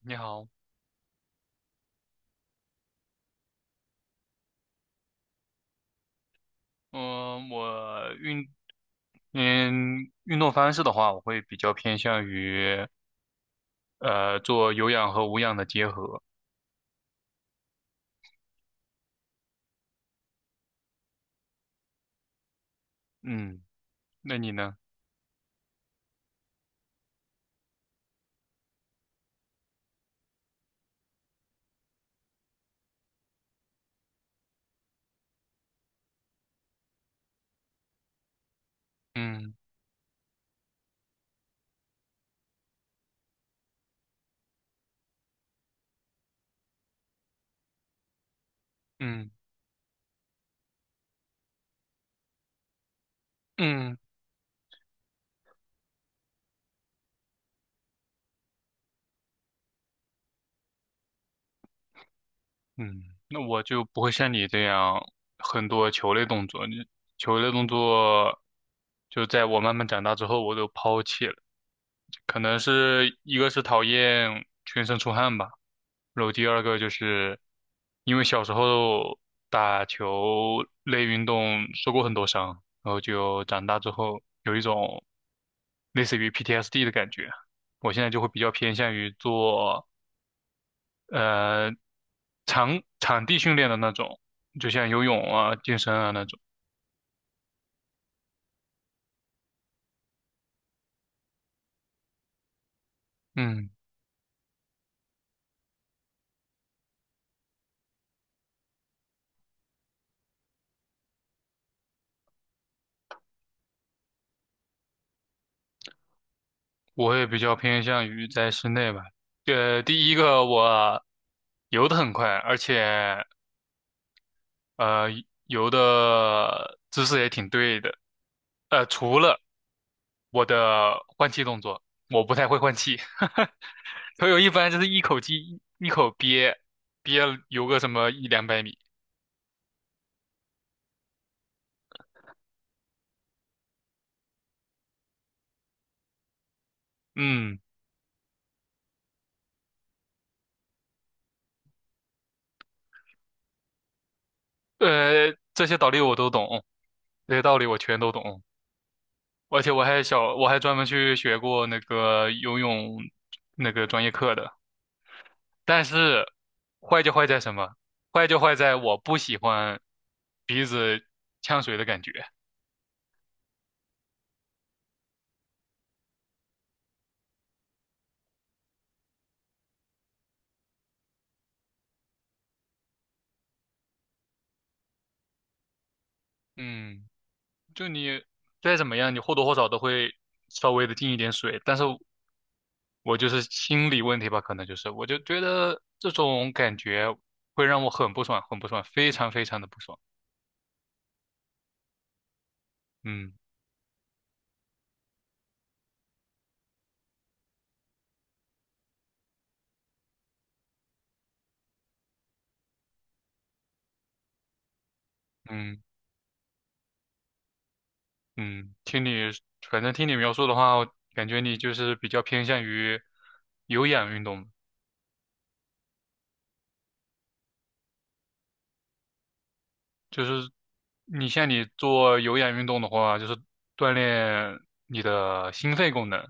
你好，嗯，我运，嗯，运动方式的话，我会比较偏向于做有氧和无氧的结合。嗯，那你呢？嗯嗯嗯嗯，那我就不会像你这样很多球类动作，球类动作就在我慢慢长大之后，我都抛弃了。可能是一个是讨厌全身出汗吧，然后第二个就是因为小时候打球类运动受过很多伤，然后就长大之后有一种类似于 PTSD 的感觉。我现在就会比较偏向于做呃场地训练的那种，就像游泳啊、健身啊那种。嗯，我也比较偏向于在室内吧。第一个我游得很快，而且呃游的姿势也挺对的。除了我的换气动作，我不太会换气。朋友一般就是一口气一口憋，憋游个什么一两百米。嗯，这些道理我都懂，这些道理我全都懂，而且我还小，我还专门去学过那个游泳那个专业课的。但是坏就坏在什么？坏就坏在我不喜欢鼻子呛水的感觉。嗯。就你再怎么样，你或多或少都会稍微的进一点水，但是我就是心理问题吧，可能就是我就觉得这种感觉会让我很不爽，很不爽，非常非常的不爽。嗯嗯嗯，反正听你描述的话，我感觉你就是比较偏向于有氧运动，就是像你做有氧运动的话，就是锻炼你的心肺功能，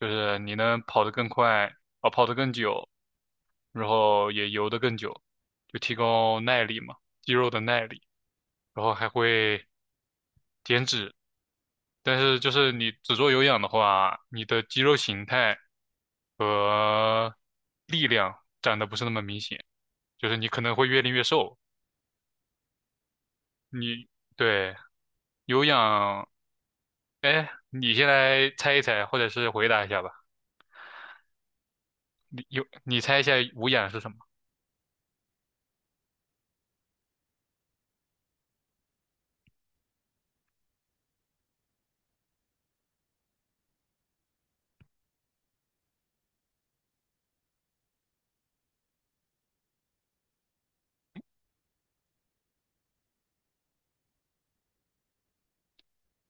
就是你能跑得更快，啊，跑得更久。然后也游得更久，就提高耐力嘛，肌肉的耐力，然后还会减脂。但是就是你只做有氧的话，你的肌肉形态和力量长得不是那么明显，就是你可能会越练越瘦。你对有氧，哎，你先来猜一猜，或者是回答一下吧。你有你猜一下无氧是什么？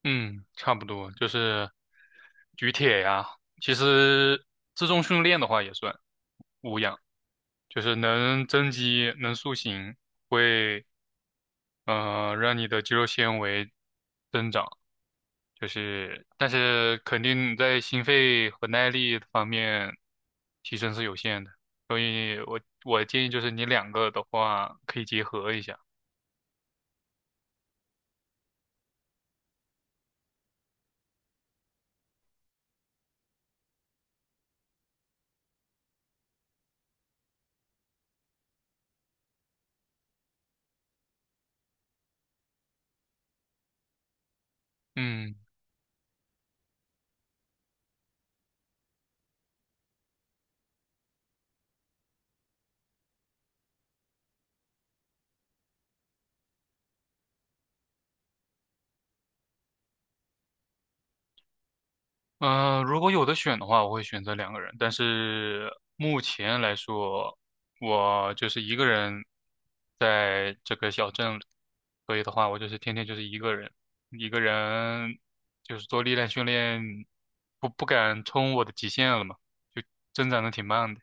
嗯，差不多就是举铁呀。其实自重训练的话也算无氧。就是能增肌、能塑形，会让你的肌肉纤维增长。就是，但是肯定在心肺和耐力方面提升是有限的，所以我建议就是你两个的话可以结合一下。嗯。如果有的选的话，我会选择两个人，但是目前来说，我就是一个人在这个小镇里，所以的话，我就是天天就是一个人，一个人就是做力量训练，不敢冲我的极限了嘛，就增长的挺慢的。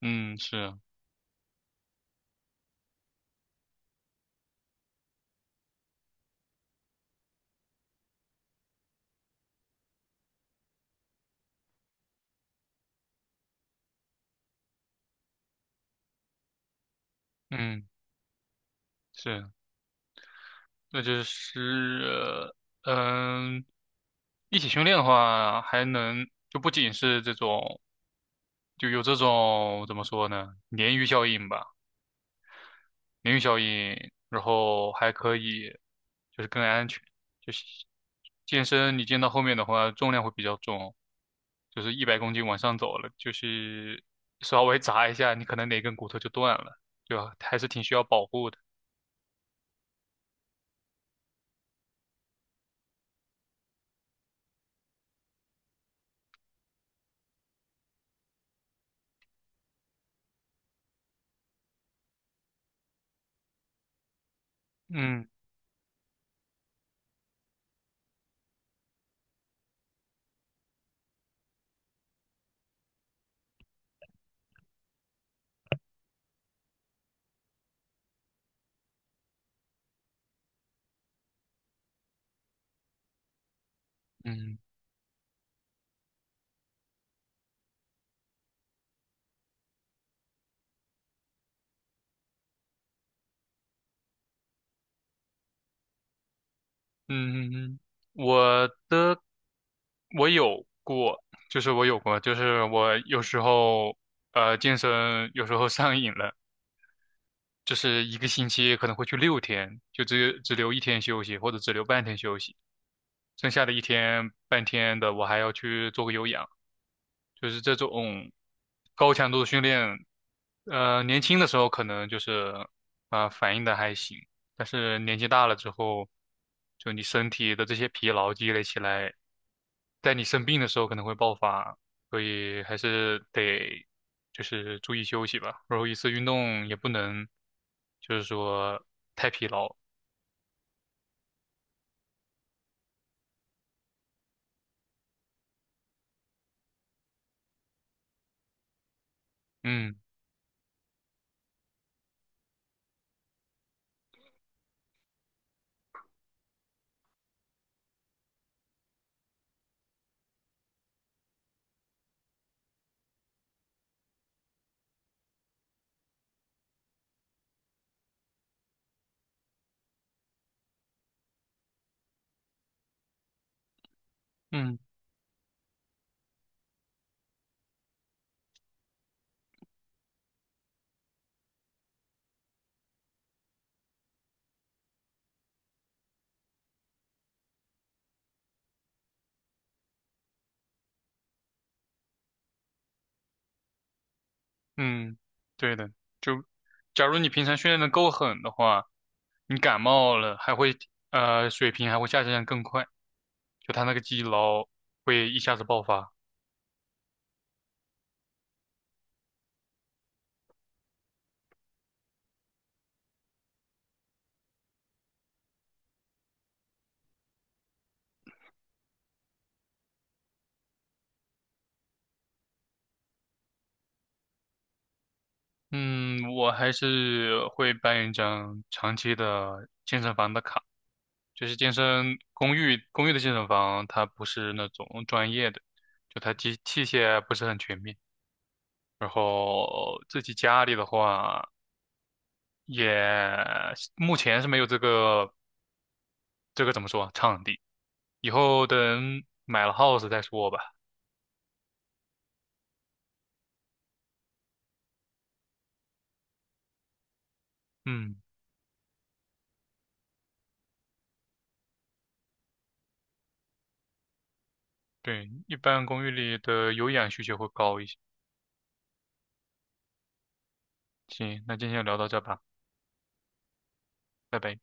嗯，是啊，嗯，是啊，那就是呃嗯。一起训练的话，还能就不仅是这种就有这种怎么说呢，鲶鱼效应吧，鲶鱼效应，然后还可以就是更安全，就是健身你健到后面的话，重量会比较重，就是100公斤往上走了，就是稍微砸一下，你可能哪根骨头就断了，对吧？还是挺需要保护的。嗯嗯嗯，嗯我的我有过，就是我有过，就是我有时候健身有时候上瘾了。就是一个星期可能会去6天，就只留一天休息，或者只留半天休息，剩下的一天半天的我还要去做个有氧，就是这种高强度的训练，年轻的时候可能就是反应的还行，但是年纪大了之后，就你身体的这些疲劳积累起来，在你生病的时候可能会爆发，所以还是得就是注意休息吧。然后一次运动也不能就是说太疲劳。嗯嗯嗯，对的。就假如你平常训练的够狠的话，你感冒了水平还会下降更快，就他那个积劳会一下子爆发。嗯，我还是会办一张长期的健身房的卡，就是健身公寓的健身房，它不是那种专业的，就它机器械不是很全面。然后自己家里的话，也目前是没有这个怎么说场地，以后等买了 house 再说吧。嗯，对，一般公寓里的有氧需求会高一些。行，那今天就聊到这吧，拜拜。